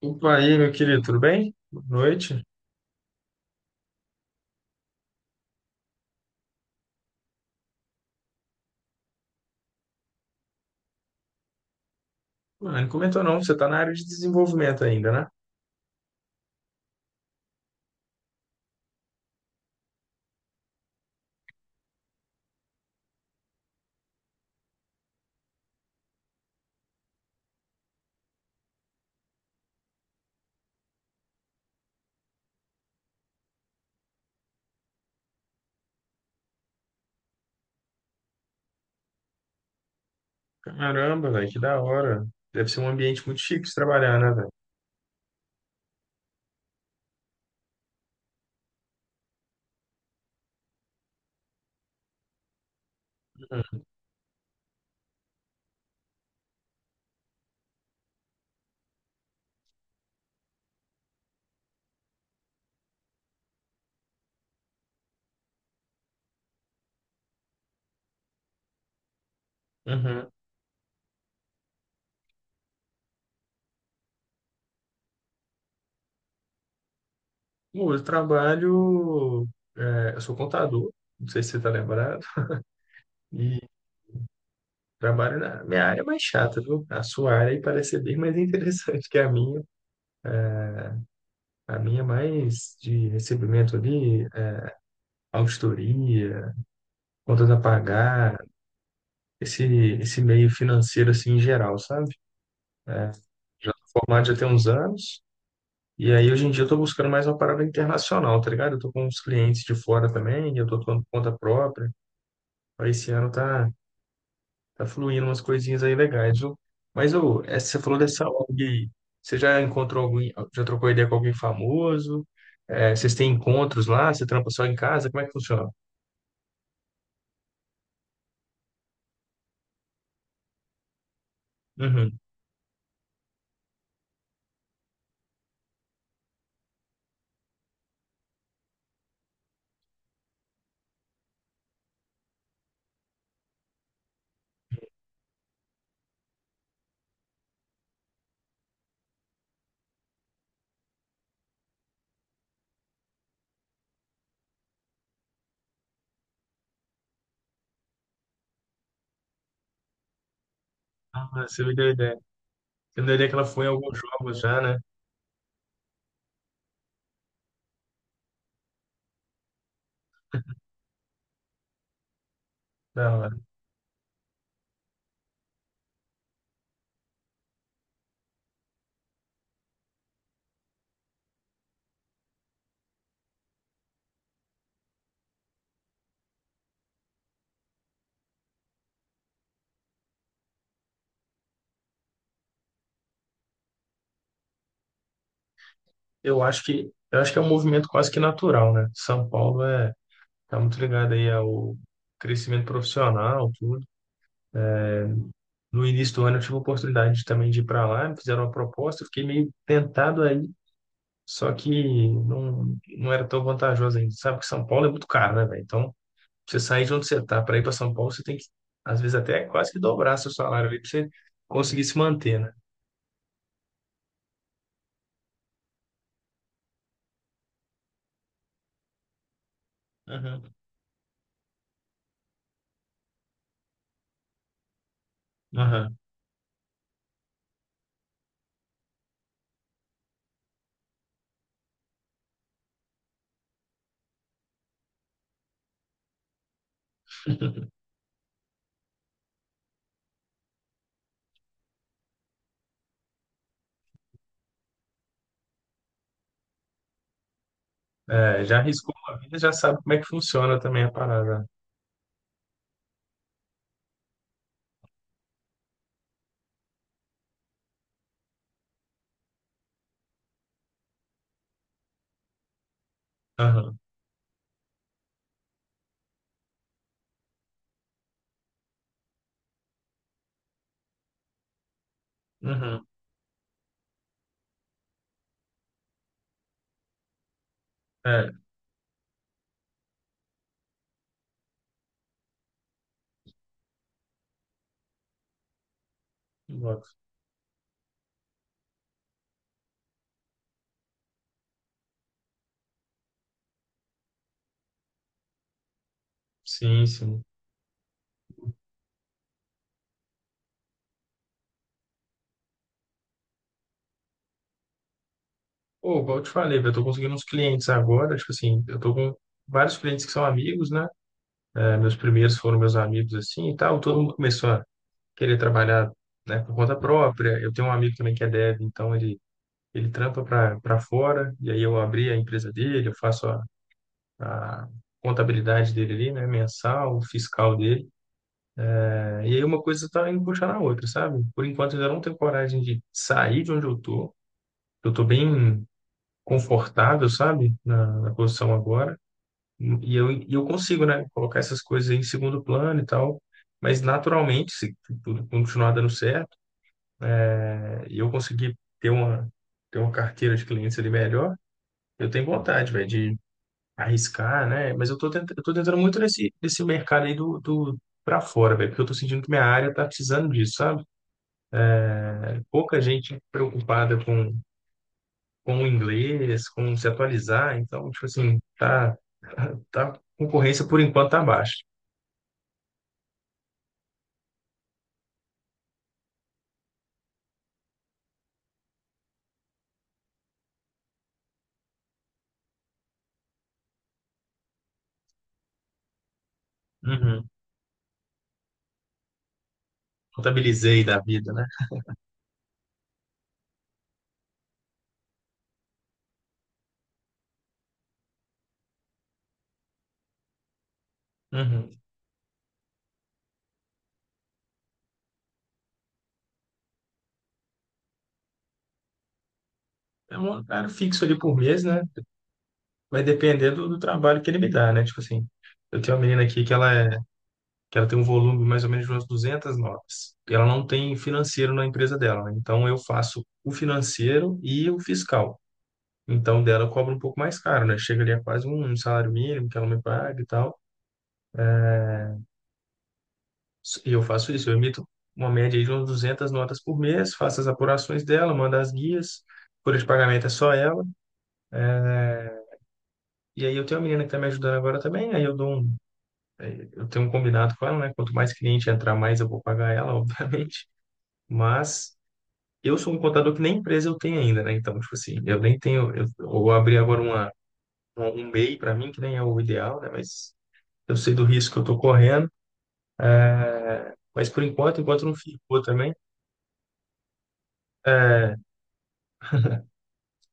Opa, aí, meu querido, tudo bem? Boa noite. Mano, não comentou não, você tá na área de desenvolvimento ainda, né? Caramba, velho, que da hora. Deve ser um ambiente muito chique de trabalhar, né, velho? Uhum. Bom, eu trabalho... eu sou contador, não sei se você tá lembrado, e trabalho na minha área é mais chata, viu? A sua área aí parece ser bem mais interessante que a minha. A minha é mais de recebimento ali, auditoria, contas a pagar, esse, esse meio financeiro assim em geral, sabe? Já tô formado já tem uns anos. E aí, hoje em dia, eu tô buscando mais uma parada internacional, tá ligado? Eu tô com uns clientes de fora também, eu tô tomando conta própria. Aí, esse ano tá fluindo umas coisinhas aí legais, viu? Mas, ô, essa, você falou dessa ONG aí. Você já encontrou alguém, já trocou ideia com alguém famoso? É, vocês têm encontros lá? Você trampa só em casa? Como é que funciona? Uhum. Ah, você me deu ideia. Você me deu ideia que ela foi em alguns jogos já, né? Da hora. Eu acho que é um movimento quase que natural, né? São Paulo é tá muito ligado aí ao crescimento profissional, tudo. No início do ano eu tive a oportunidade de- também de ir para lá, me fizeram uma proposta, eu fiquei meio tentado aí, só que não era tão vantajoso ainda. Sabe que São Paulo é muito caro, né, velho? Então, você sair de onde você tá para ir para São Paulo, você tem que, às vezes, até quase que dobrar seu salário ali para você conseguir se manter, né? Aham, aham. É, já arriscou uma vida, já sabe como é que funciona também a parada. Aham, aham. É, boto. Sim, sim. Pô, igual eu te falei, velho, eu tô conseguindo uns clientes agora, tipo assim, eu tô com vários clientes que são amigos, né? É, meus primeiros foram meus amigos, assim, e tal. Todo mundo começou a querer trabalhar, né, por conta própria. Eu tenho um amigo também que é dev, então ele trampa para fora, e aí eu abri a empresa dele, eu faço a contabilidade dele ali, né, mensal, fiscal dele. É, e aí uma coisa tá indo puxar na outra, sabe? Por enquanto eu ainda não tenho coragem de sair de onde eu tô. Eu tô bem confortável, sabe? Na posição agora e e eu consigo, né, colocar essas coisas aí em segundo plano e tal, mas naturalmente, se tudo continuar dando certo, né, e eu conseguir ter ter uma carteira de clientes ali melhor, eu tenho vontade, velho, de arriscar, né? Mas eu tô tentando muito nesse mercado aí do para fora, velho, porque eu tô sentindo que minha área tá precisando disso, sabe? É, pouca gente preocupada com o inglês, com se atualizar, então, tipo assim, tá, a concorrência por enquanto tá baixa. Uhum. Contabilizei da vida, né? Uhum. É um horário fixo ali por mês, né? Vai depender do trabalho que ele me dá, né? Tipo assim, eu tenho uma menina aqui que que ela tem um volume mais ou menos de umas 200 notas. E ela não tem financeiro na empresa dela, né? Então eu faço o financeiro e o fiscal. Então dela eu cobro um pouco mais caro, né? Chega ali a quase um salário mínimo que ela me paga e tal. E eu faço isso, eu emito uma média aí de umas 200 notas por mês, faço as apurações dela, mando as guias. Folha de pagamento é só ela. E aí eu tenho uma menina que tá me ajudando agora também. Aí eu dou um Eu tenho um combinado com ela, né? Quanto mais cliente entrar, mais eu vou pagar ela, obviamente. Mas eu sou um contador que nem empresa eu tenho ainda, né? Então, tipo assim, eu nem tenho. Eu vou abrir agora um MEI para mim, que nem é o ideal, né? Mas eu sei do risco que eu estou correndo. É, mas por enquanto, enquanto não firmou também. É,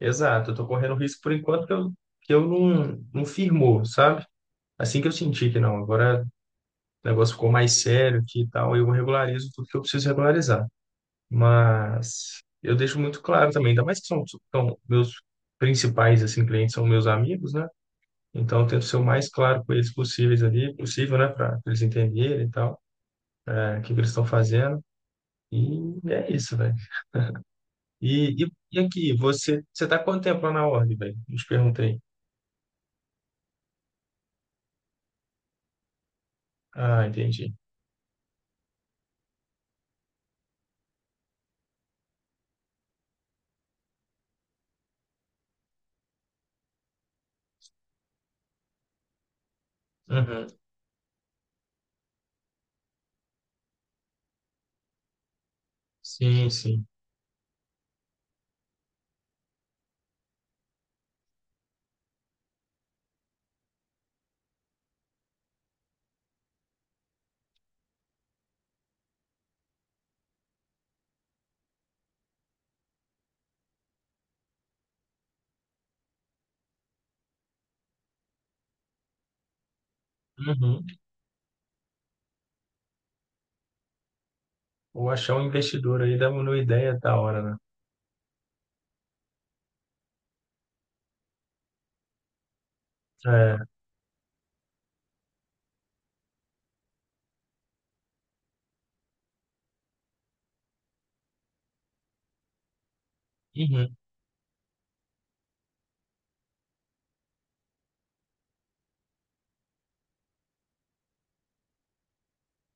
exato, eu estou correndo risco por enquanto que eu não firmou, sabe? Assim que eu senti que não, agora o negócio ficou mais sério aqui e tal, eu regularizo tudo que eu preciso regularizar. Mas eu deixo muito claro também, ainda mais são meus principais assim clientes são meus amigos, né? Então eu tento ser o mais claro com eles possíveis ali, possível, né, para eles entenderem e tal, é, o que que eles estão fazendo. E é isso, velho. E aqui, você tá quanto tempo lá na ordem, velho? Não te perguntei. Ah, entendi. Uhum. Sim, sim. Uhum. Ou achar um investidor aí dá uma ideia da hora, né? É. Uhum.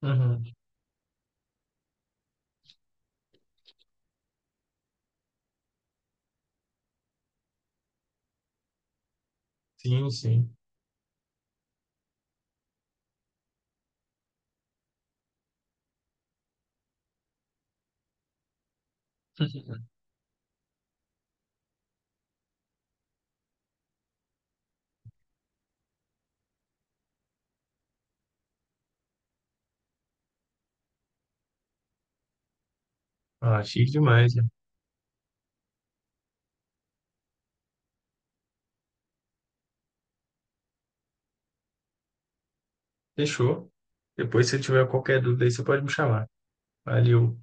Uhum. Sim, sim. Ah, chique demais. Né? Fechou. Depois, se tiver qualquer dúvida aí, você pode me chamar. Valeu.